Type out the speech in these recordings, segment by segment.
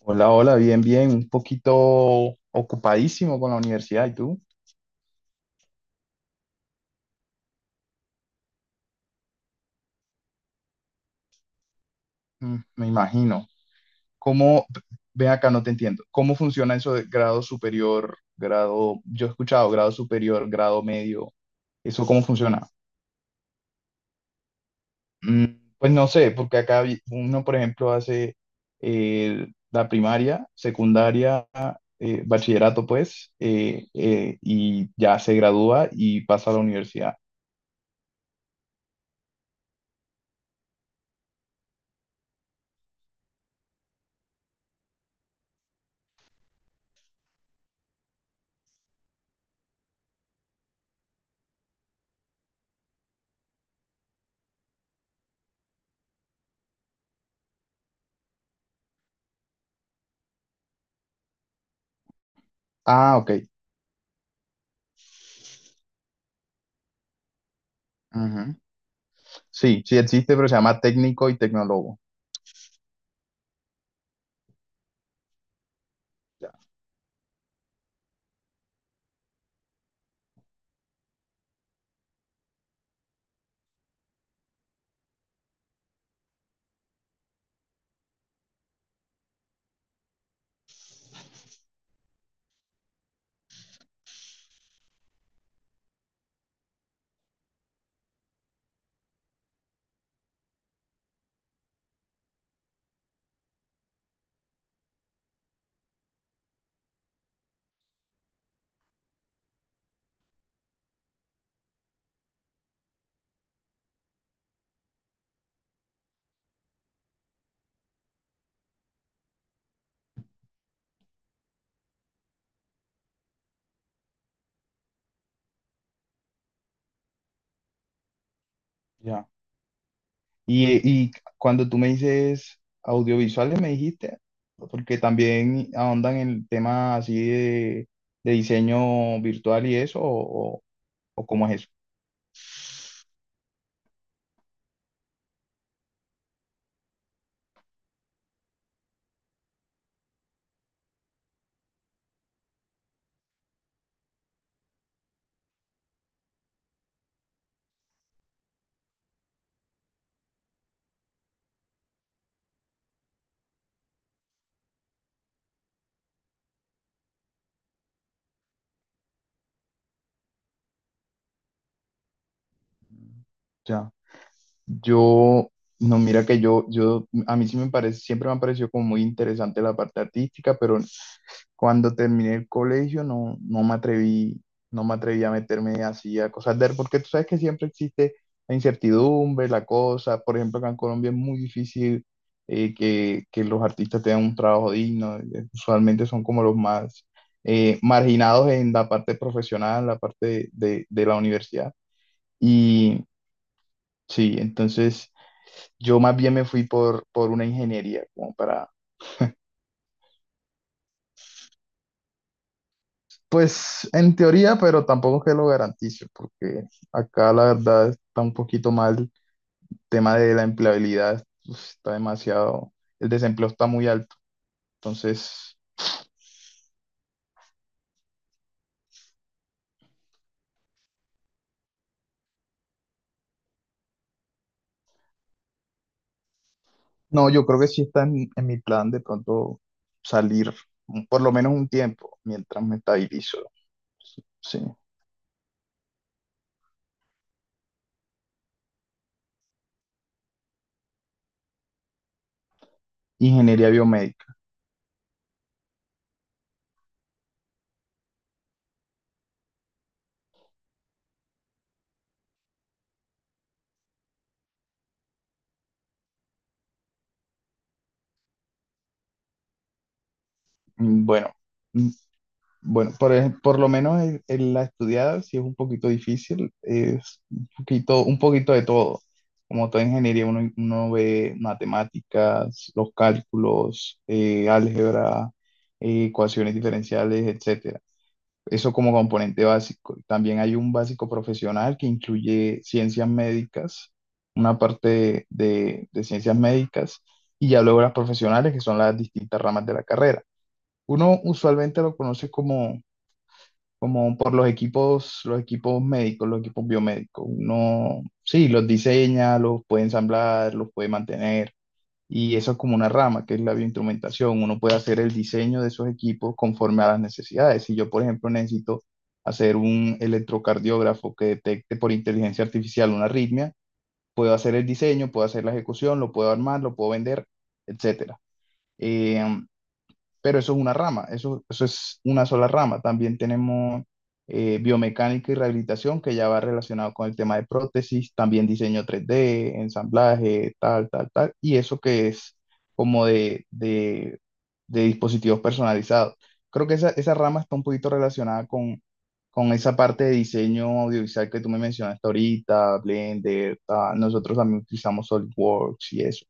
Hola, hola, bien, bien, un poquito ocupadísimo con la universidad. ¿Y tú? Mm, me imagino. ¿Cómo, ven acá, no te entiendo. ¿Cómo funciona eso de grado superior, grado? Yo he escuchado grado superior, grado medio. ¿Eso cómo funciona? Mm, pues no sé, porque acá uno, por ejemplo, hace la primaria, secundaria, bachillerato, pues, y ya se gradúa y pasa a la universidad. Ah, ok. Sí, sí existe, pero se llama técnico y tecnólogo. Ya, ya. Y, y cuando tú me dices audiovisuales, me dijiste, porque también ahondan en el tema así de diseño virtual y eso, o o cómo es eso. Ya. Yo, no, mira que yo, a mí sí me parece, siempre me ha parecido como muy interesante la parte artística, pero cuando terminé el colegio no me atreví, no me atreví a meterme así a cosas de, porque tú sabes que siempre existe la incertidumbre, la cosa. Por ejemplo, acá en Colombia es muy difícil, que los artistas tengan un trabajo digno. Usualmente son como los más marginados en la parte profesional, la parte de de la universidad. Y sí, entonces yo más bien me fui por una ingeniería, como para. Pues en teoría, pero tampoco que lo garantice, porque acá la verdad está un poquito mal el tema de la empleabilidad, pues, está demasiado, el desempleo está muy alto. Entonces, no, yo creo que sí está en mi plan de pronto salir por lo menos un tiempo mientras me estabilizo. Sí. Ingeniería biomédica. Mm, Bueno, Bueno, por lo menos en la estudiada sí es un poquito difícil, es un poquito de todo. Como toda ingeniería, uno ve matemáticas, los cálculos, álgebra, ecuaciones diferenciales, etcétera. Eso como componente básico. También hay un básico profesional que incluye ciencias médicas, una parte de ciencias médicas, y ya luego las profesionales, que son las distintas ramas de la carrera. Uno usualmente lo conoce como por los equipos médicos, los equipos biomédicos. Uno, sí, los diseña, los puede ensamblar, los puede mantener, y eso es como una rama, que es la bioinstrumentación. Uno puede hacer el diseño de esos equipos conforme a las necesidades. Si yo, por ejemplo, necesito hacer un electrocardiógrafo que detecte por inteligencia artificial una arritmia, puedo hacer el diseño, puedo hacer la ejecución, lo puedo armar, lo puedo vender, etcétera. Eh, pero eso es una rama, eso es una sola rama. También tenemos biomecánica y rehabilitación, que ya va relacionado con el tema de prótesis, también diseño tres d ensamblaje, tal, tal, tal, y eso que es como de dispositivos personalizados. Creo que esa rama está un poquito relacionada con esa parte de diseño audiovisual que tú me mencionaste ahorita, Blender, tal. Nosotros también utilizamos SolidWorks y eso.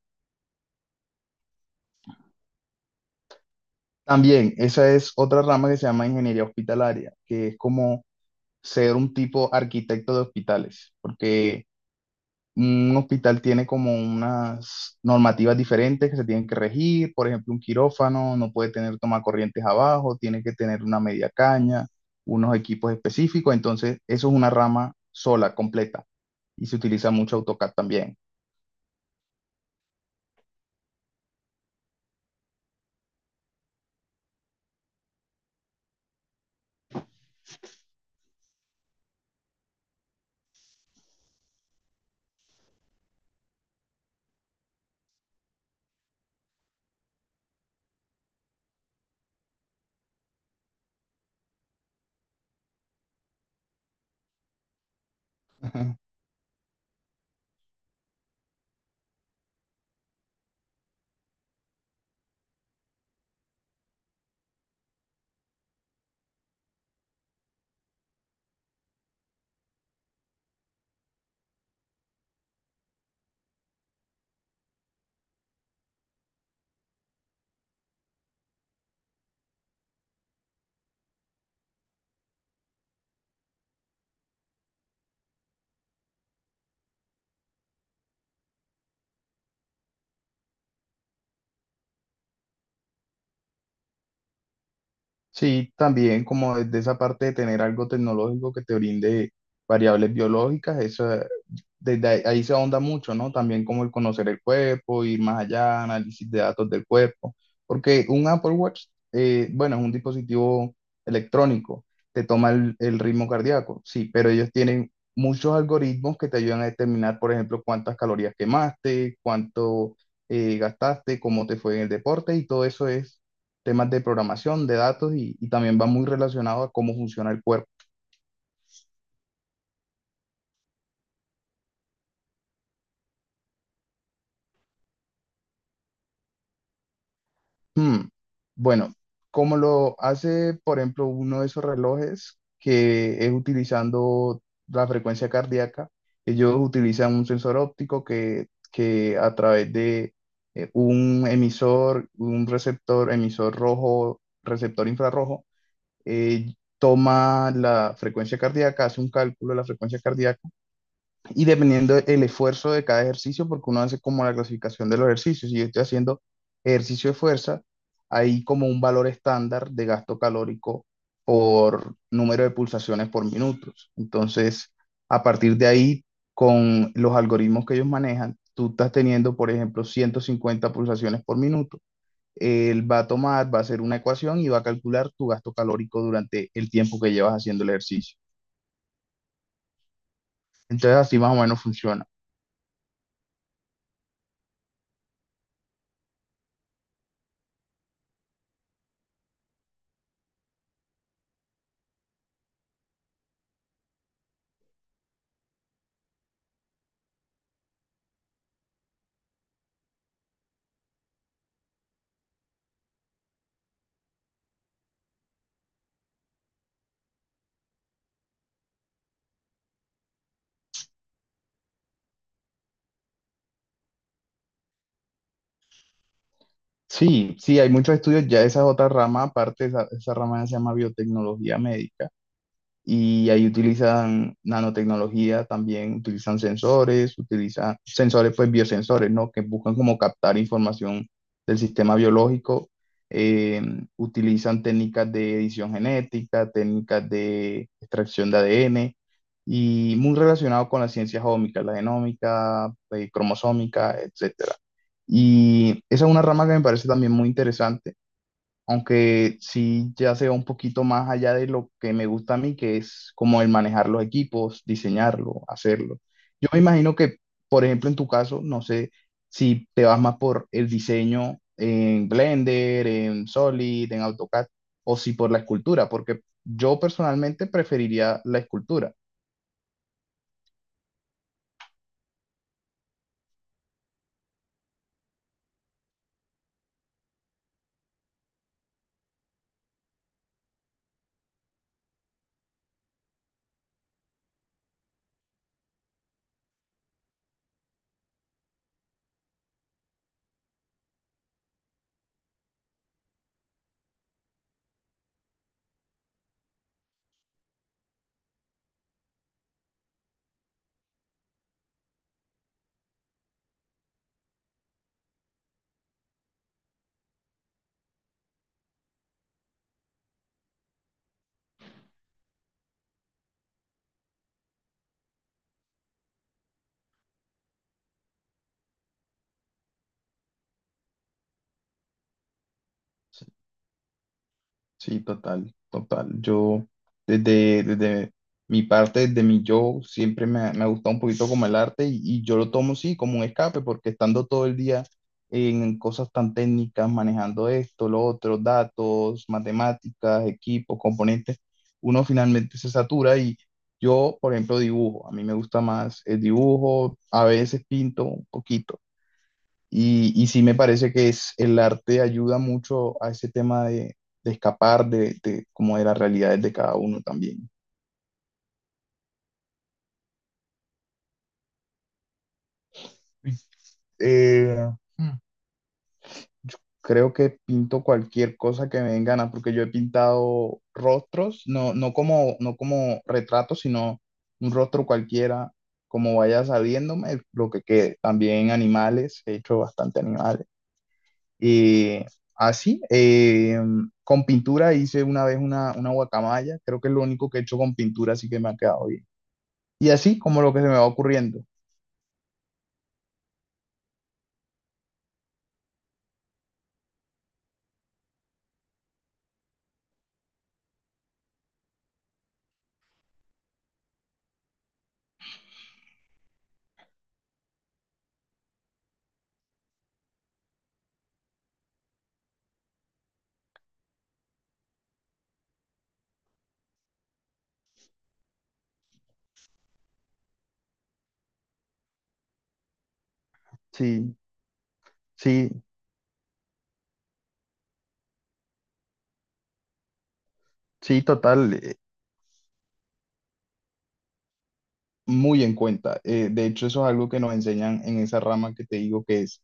También, esa es otra rama que se llama ingeniería hospitalaria, que es como ser un tipo arquitecto de hospitales, porque un hospital tiene como unas normativas diferentes que se tienen que regir, por ejemplo, un quirófano no puede tener tomacorrientes abajo, tiene que tener una media caña, unos equipos específicos, entonces eso es una rama sola, completa, y se utiliza mucho AutoCAD también. Sí, también como desde esa parte de tener algo tecnológico que te brinde variables biológicas, eso, desde ahí, ahí se ahonda mucho, ¿no? También como el conocer el cuerpo, ir más allá, análisis de datos del cuerpo, porque un Apple Watch, bueno, es un dispositivo electrónico, te toma el ritmo cardíaco, sí, pero ellos tienen muchos algoritmos que te ayudan a determinar, por ejemplo, cuántas calorías quemaste, cuánto gastaste, cómo te fue en el deporte, y todo eso es temas de programación, de datos, y también va muy relacionado a cómo funciona el cuerpo. Hmm, Bueno, Como lo hace, por ejemplo, uno de esos relojes, que es utilizando la frecuencia cardíaca. Ellos utilizan un sensor óptico que a través de un emisor, un receptor, emisor rojo, receptor infrarrojo, toma la frecuencia cardíaca, hace un cálculo de la frecuencia cardíaca, y dependiendo el esfuerzo de cada ejercicio, porque uno hace como la clasificación de los ejercicios. Si yo estoy haciendo ejercicio de fuerza, hay como un valor estándar de gasto calórico por número de pulsaciones por minutos. Entonces, a partir de ahí, con los algoritmos que ellos manejan, tú estás teniendo, por ejemplo, 150 pulsaciones por minuto. Él va a tomar, va a hacer una ecuación y va a calcular tu gasto calórico durante el tiempo que llevas haciendo el ejercicio. Entonces, así más o menos funciona. Sí, sí, hay muchos estudios. Ya esa es otra rama, aparte esa rama se llama biotecnología médica, y ahí utilizan nanotecnología también, utilizan sensores, pues biosensores, ¿no? Que buscan como captar información del sistema biológico, eh, utilizan técnicas de edición genética, técnicas de extracción de ADN, y muy relacionado con las ciencias ómicas, la genómica, cromosómica, etc. Y esa es una rama que me parece también muy interesante, aunque sí ya se va un poquito más allá de lo que me gusta a mí, que es como el manejar los equipos, diseñarlo, hacerlo. Yo me imagino que, por ejemplo, en tu caso, no sé si te vas más por el diseño en Blender, en Solid, en AutoCAD, o si por la escultura, porque yo personalmente preferiría la escultura. Sí, total, total. Desde mi parte, desde mi yo, siempre me ha gustado un poquito como el arte, y yo lo tomo, sí, como un escape, porque estando todo el día en cosas tan técnicas, manejando esto, lo otro, datos, matemáticas, equipos, componentes, uno finalmente se satura, y yo, por ejemplo, dibujo. A mí me gusta más el dibujo, a veces pinto un poquito. Y sí me parece que es, el arte ayuda mucho a ese tema de escapar de las realidades de cada uno también. Eh, Mm. Creo que pinto cualquier cosa que me den ganas, porque yo he pintado rostros, no como, no como retratos, sino un rostro cualquiera, como vaya saliéndome, lo que quede. También animales, he hecho bastante animal. Eh, así, eh, con pintura hice una vez una guacamaya, creo que es lo único que he hecho con pintura así que me ha quedado bien. Y así como lo que se me va ocurriendo. Sí, sí, sí, total, muy en cuenta. De hecho, eso es algo que nos enseñan en esa rama que te digo, que es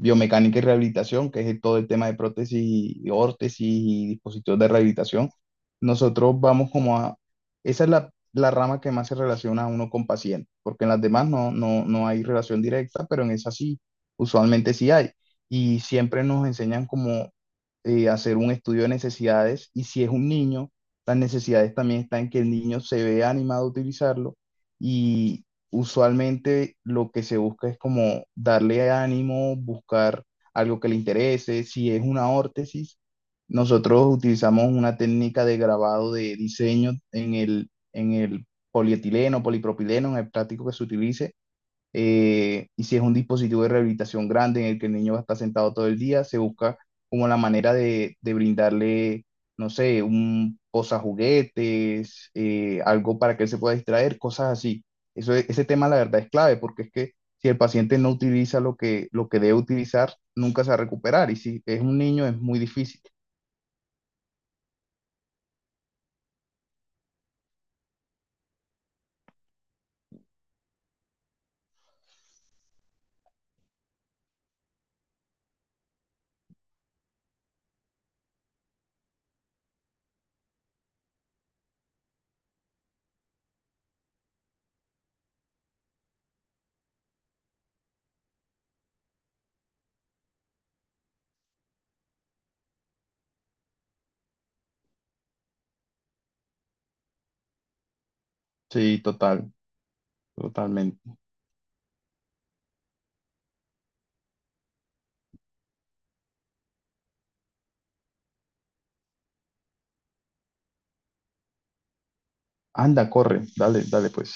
biomecánica y rehabilitación, que es todo el tema de prótesis y órtesis y dispositivos de rehabilitación. Nosotros vamos como a, esa es la rama que más se relaciona a uno con paciente, porque en las demás no hay relación directa, pero en esa sí, usualmente sí hay. Y siempre nos enseñan como hacer un estudio de necesidades, y si es un niño, las necesidades también están en que el niño se vea animado a utilizarlo, y usualmente lo que se busca es como darle ánimo, buscar algo que le interese. Si es una órtesis, nosotros utilizamos una técnica de grabado de diseño en el polietileno, polipropileno, en el plástico que se utilice. Y si es un dispositivo de rehabilitación grande en el que el niño va a estar sentado todo el día, se busca como la manera de brindarle, no sé, un posajuguetes, algo para que él se pueda distraer, cosas así. Ese tema la verdad es clave, porque es que si el paciente no utiliza lo que debe utilizar, nunca se va a recuperar, y si es un niño es muy difícil. Sí, total, totalmente. Anda, corre, dale, dale pues.